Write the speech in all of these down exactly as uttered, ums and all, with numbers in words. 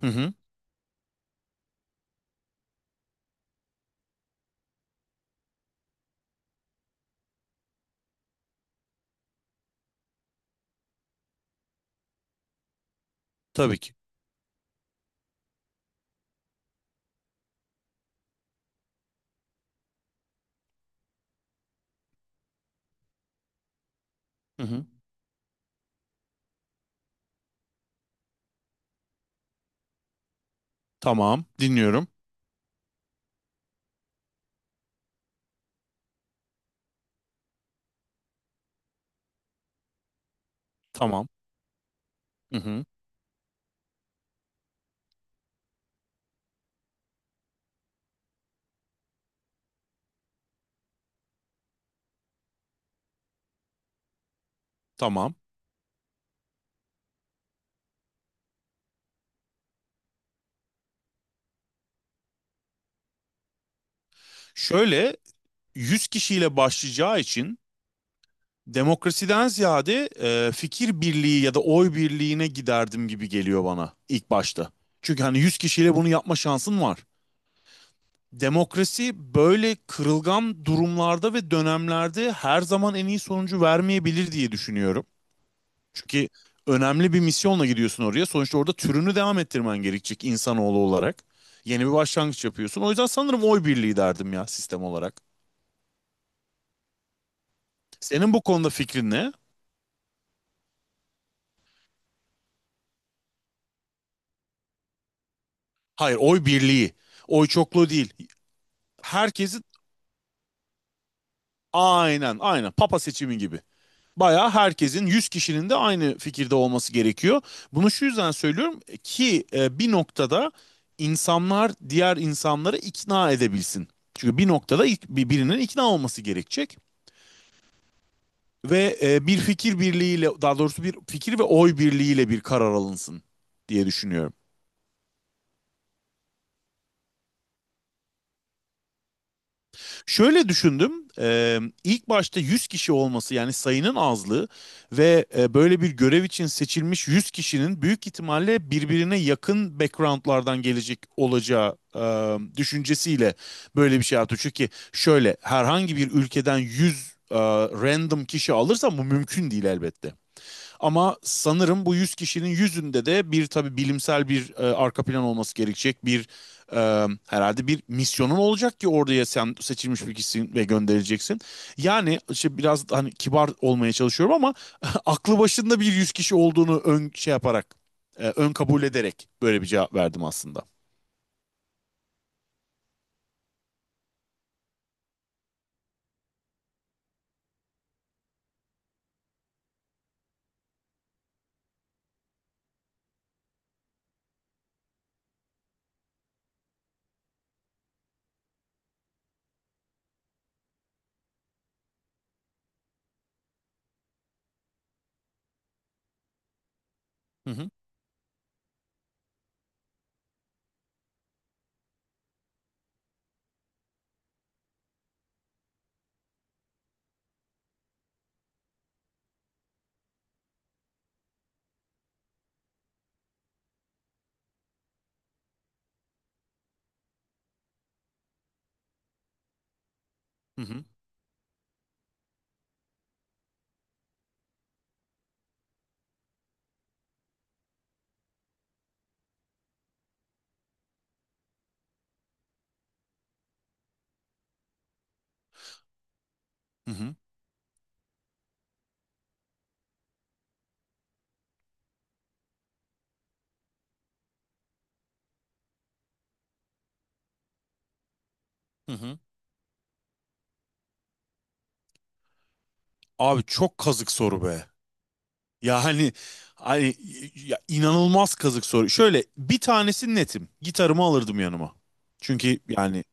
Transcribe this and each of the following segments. Hı hı. Tabii ki. Hı hı. Tamam. Dinliyorum. Tamam. Hı hı. Tamam. Şöyle yüz kişiyle başlayacağı için demokrasiden ziyade e, fikir birliği ya da oy birliğine giderdim gibi geliyor bana ilk başta. Çünkü hani yüz kişiyle bunu yapma şansın var. Demokrasi böyle kırılgan durumlarda ve dönemlerde her zaman en iyi sonucu vermeyebilir diye düşünüyorum. Çünkü önemli bir misyonla gidiyorsun oraya. Sonuçta orada türünü devam ettirmen gerekecek insanoğlu olarak. Yeni bir başlangıç yapıyorsun. O yüzden sanırım oy birliği derdim ya sistem olarak. Senin bu konuda fikrin ne? Hayır, oy birliği. Oy çokluğu değil. Herkesin aynen aynen papa seçimi gibi. Bayağı herkesin yüz kişinin de aynı fikirde olması gerekiyor. Bunu şu yüzden söylüyorum ki e, bir noktada insanlar diğer insanları ikna edebilsin. Çünkü bir noktada ilk- bir- birinin ikna olması gerekecek. Ve e, bir fikir birliğiyle daha doğrusu bir fikir ve oy birliğiyle bir karar alınsın diye düşünüyorum. Şöyle düşündüm. e, ilk başta yüz kişi olması yani sayının azlığı ve e, böyle bir görev için seçilmiş yüz kişinin büyük ihtimalle birbirine yakın backgroundlardan gelecek olacağı e, düşüncesiyle böyle bir şey yaptı. Çünkü şöyle herhangi bir ülkeden yüz e, random kişi alırsan bu mümkün değil elbette. Ama sanırım bu yüz kişinin yüzünde de bir tabii bilimsel bir e, arka plan olması gerekecek. Bir e, herhalde bir misyonun olacak ki oraya sen seçilmiş bir kişisin ve gönderileceksin. Yani işte biraz hani kibar olmaya çalışıyorum ama aklı başında bir yüz kişi olduğunu ön şey yaparak e, ön kabul ederek böyle bir cevap verdim aslında. Hı hı hı hı hı hı. Hı hı. Abi çok kazık soru be. Ya hani hani ya inanılmaz kazık soru. Şöyle bir tanesi netim. Gitarımı alırdım yanıma. Çünkü yani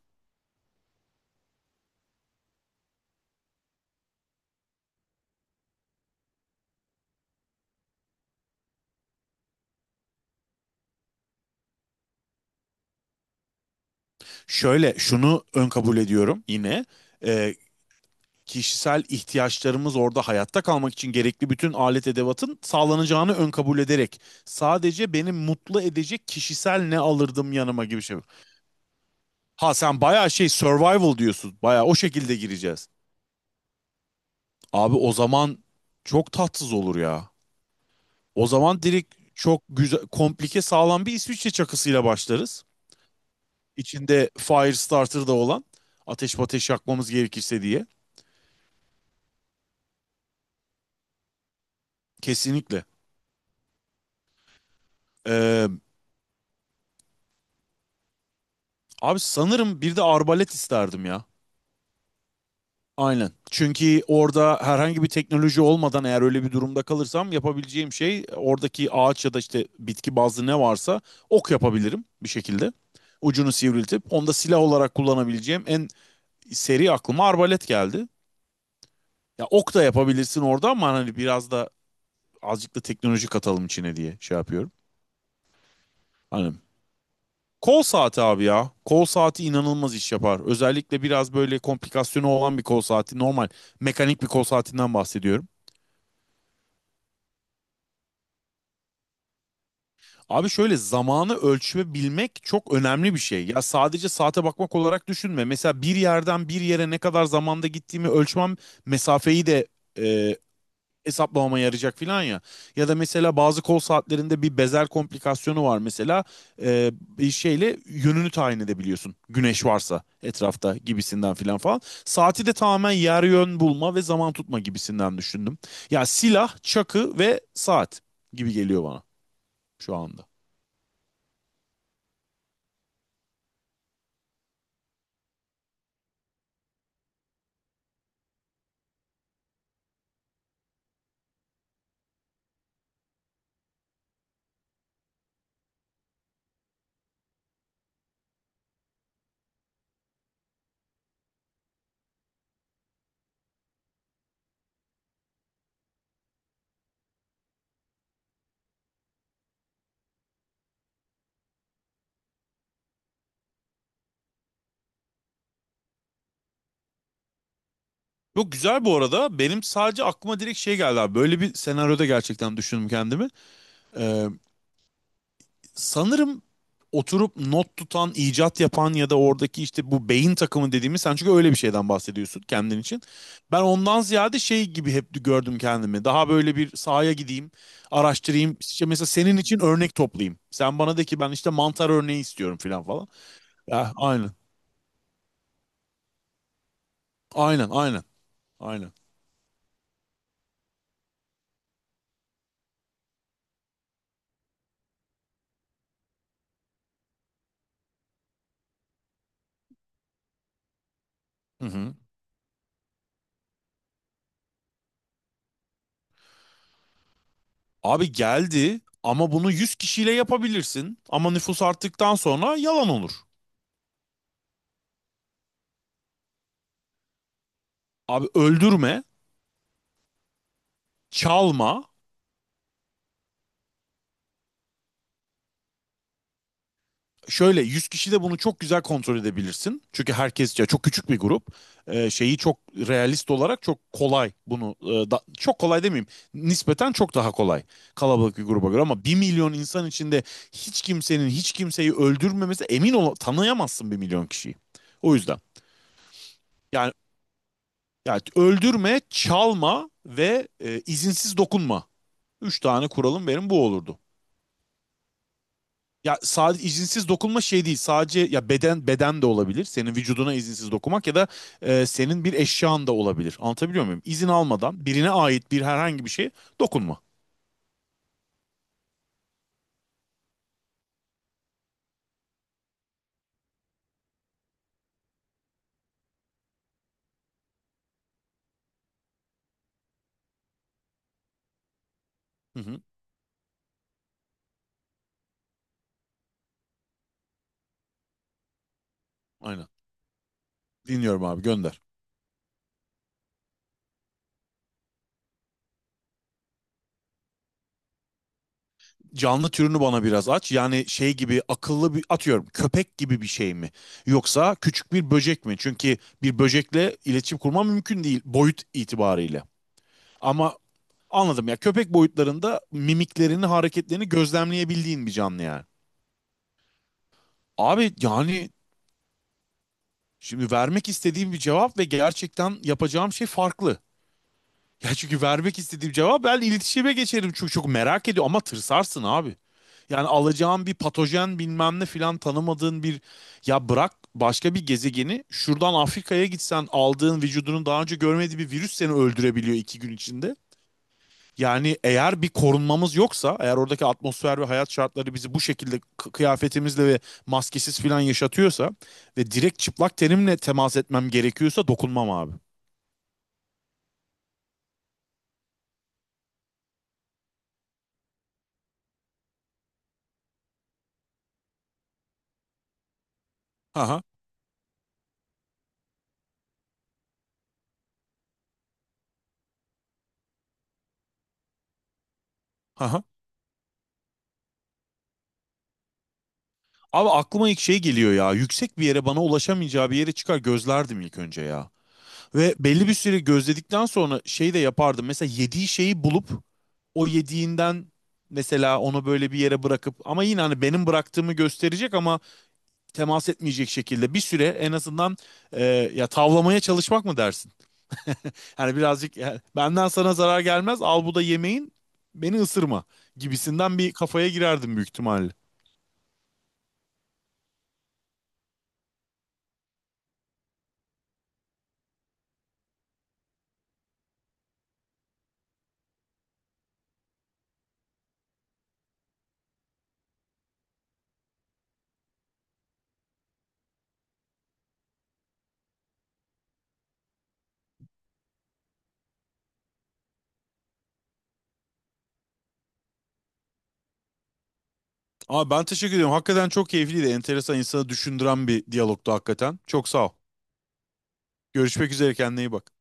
şöyle şunu ön kabul ediyorum yine. Ee, Kişisel ihtiyaçlarımız orada hayatta kalmak için gerekli bütün alet edevatın sağlanacağını ön kabul ederek sadece beni mutlu edecek kişisel ne alırdım yanıma gibi şey. Ha sen bayağı şey survival diyorsun. Bayağı o şekilde gireceğiz. Abi o zaman çok tatsız olur ya. O zaman direkt çok güzel, komplike sağlam bir İsviçre çakısıyla başlarız. İçinde Firestarter da olan ateş ateş yakmamız gerekirse diye. Kesinlikle. Ee, Abi sanırım bir de arbalet isterdim ya. Aynen. Çünkü orada herhangi bir teknoloji olmadan eğer öyle bir durumda kalırsam yapabileceğim şey oradaki ağaç ya da işte bitki bazlı ne varsa ok yapabilirim bir şekilde. Ucunu sivriltip onu da silah olarak kullanabileceğim en seri aklıma arbalet geldi. Ya ok da yapabilirsin orada ama hani biraz da azıcık da teknoloji katalım içine diye şey yapıyorum. Hani kol saati abi ya. Kol saati inanılmaz iş yapar. Özellikle biraz böyle komplikasyonu olan bir kol saati. Normal mekanik bir kol saatinden bahsediyorum. Abi şöyle zamanı ölçebilmek çok önemli bir şey. Ya sadece saate bakmak olarak düşünme. Mesela bir yerden bir yere ne kadar zamanda gittiğimi ölçmem mesafeyi de e, hesaplamama yarayacak filan ya. Ya da mesela bazı kol saatlerinde bir bezel komplikasyonu var mesela. Ee, Bir şeyle yönünü tayin edebiliyorsun. Güneş varsa etrafta gibisinden filan falan. Saati de tamamen yer yön bulma ve zaman tutma gibisinden düşündüm. Ya silah, çakı ve saat gibi geliyor bana şu anda. Yok güzel bu arada. Benim sadece aklıma direkt şey geldi abi. Böyle bir senaryoda gerçekten düşündüm kendimi. Sanırım oturup not tutan, icat yapan ya da oradaki işte bu beyin takımı dediğimiz sen çünkü öyle bir şeyden bahsediyorsun kendin için. Ben ondan ziyade şey gibi hep gördüm kendimi. Daha böyle bir sahaya gideyim, araştırayım. İşte mesela senin için örnek toplayayım. Sen bana de ki ben işte mantar örneği istiyorum falan falan. Ya, aynen. Aynen, aynen. Aynen. Hı hı. Abi geldi ama bunu yüz kişiyle yapabilirsin. Ama nüfus arttıktan sonra yalan olur. Abi öldürme, çalma, şöyle yüz kişi de bunu çok güzel kontrol edebilirsin. Çünkü herkes ya çok küçük bir grup. Ee, şeyi çok realist olarak çok kolay bunu e, da- çok kolay demeyeyim. Nispeten çok daha kolay kalabalık bir gruba göre ama bir milyon insan içinde hiç kimsenin hiç kimseyi öldürmemesi emin ol tanıyamazsın bir milyon kişiyi. O yüzden yani, yani öldürme, çalma ve e, izinsiz dokunma. Üç tane kuralım benim bu olurdu. Ya sadece izinsiz dokunma şey değil. Sadece ya beden beden de olabilir. Senin vücuduna izinsiz dokunmak ya da e, senin bir eşyan da olabilir. Anlatabiliyor muyum? İzin almadan birine ait bir herhangi bir şeye dokunma. Hı hı. Aynen. Dinliyorum abi gönder. Canlı türünü bana biraz aç. Yani şey gibi akıllı bir atıyorum köpek gibi bir şey mi? Yoksa küçük bir böcek mi? Çünkü bir böcekle iletişim kurma mümkün değil boyut itibariyle. Ama anladım ya köpek boyutlarında mimiklerini, hareketlerini gözlemleyebildiğin bir canlı yani. Abi yani şimdi vermek istediğim bir cevap ve gerçekten yapacağım şey farklı. Ya çünkü vermek istediğim cevap ben iletişime geçerim çünkü çok merak ediyor ama tırsarsın abi. Yani alacağın bir patojen bilmem ne filan tanımadığın bir ya bırak başka bir gezegeni şuradan Afrika'ya gitsen aldığın vücudunun daha önce görmediği bir virüs seni öldürebiliyor iki gün içinde. Yani eğer bir korunmamız yoksa, eğer oradaki atmosfer ve hayat şartları bizi bu şekilde k- kıyafetimizle ve maskesiz falan yaşatıyorsa ve direkt çıplak tenimle temas etmem gerekiyorsa dokunmam abi. Aha, aha. Abi aklıma ilk şey geliyor ya. Yüksek bir yere bana ulaşamayacağı bir yere çıkar gözlerdim ilk önce ya. Ve belli bir süre gözledikten sonra şey de yapardım. Mesela yediği şeyi bulup o yediğinden mesela onu böyle bir yere bırakıp ama yine hani benim bıraktığımı gösterecek ama temas etmeyecek şekilde bir süre en azından e, ya tavlamaya çalışmak mı dersin? Yani birazcık ya, benden sana zarar gelmez al bu da yemeğin beni ısırma gibisinden bir kafaya girerdim büyük ihtimalle. Ama ben teşekkür ediyorum. Hakikaten çok keyifliydi. Enteresan insanı düşündüren bir diyalogtu hakikaten. Çok sağ ol. Görüşmek üzere kendine iyi bak.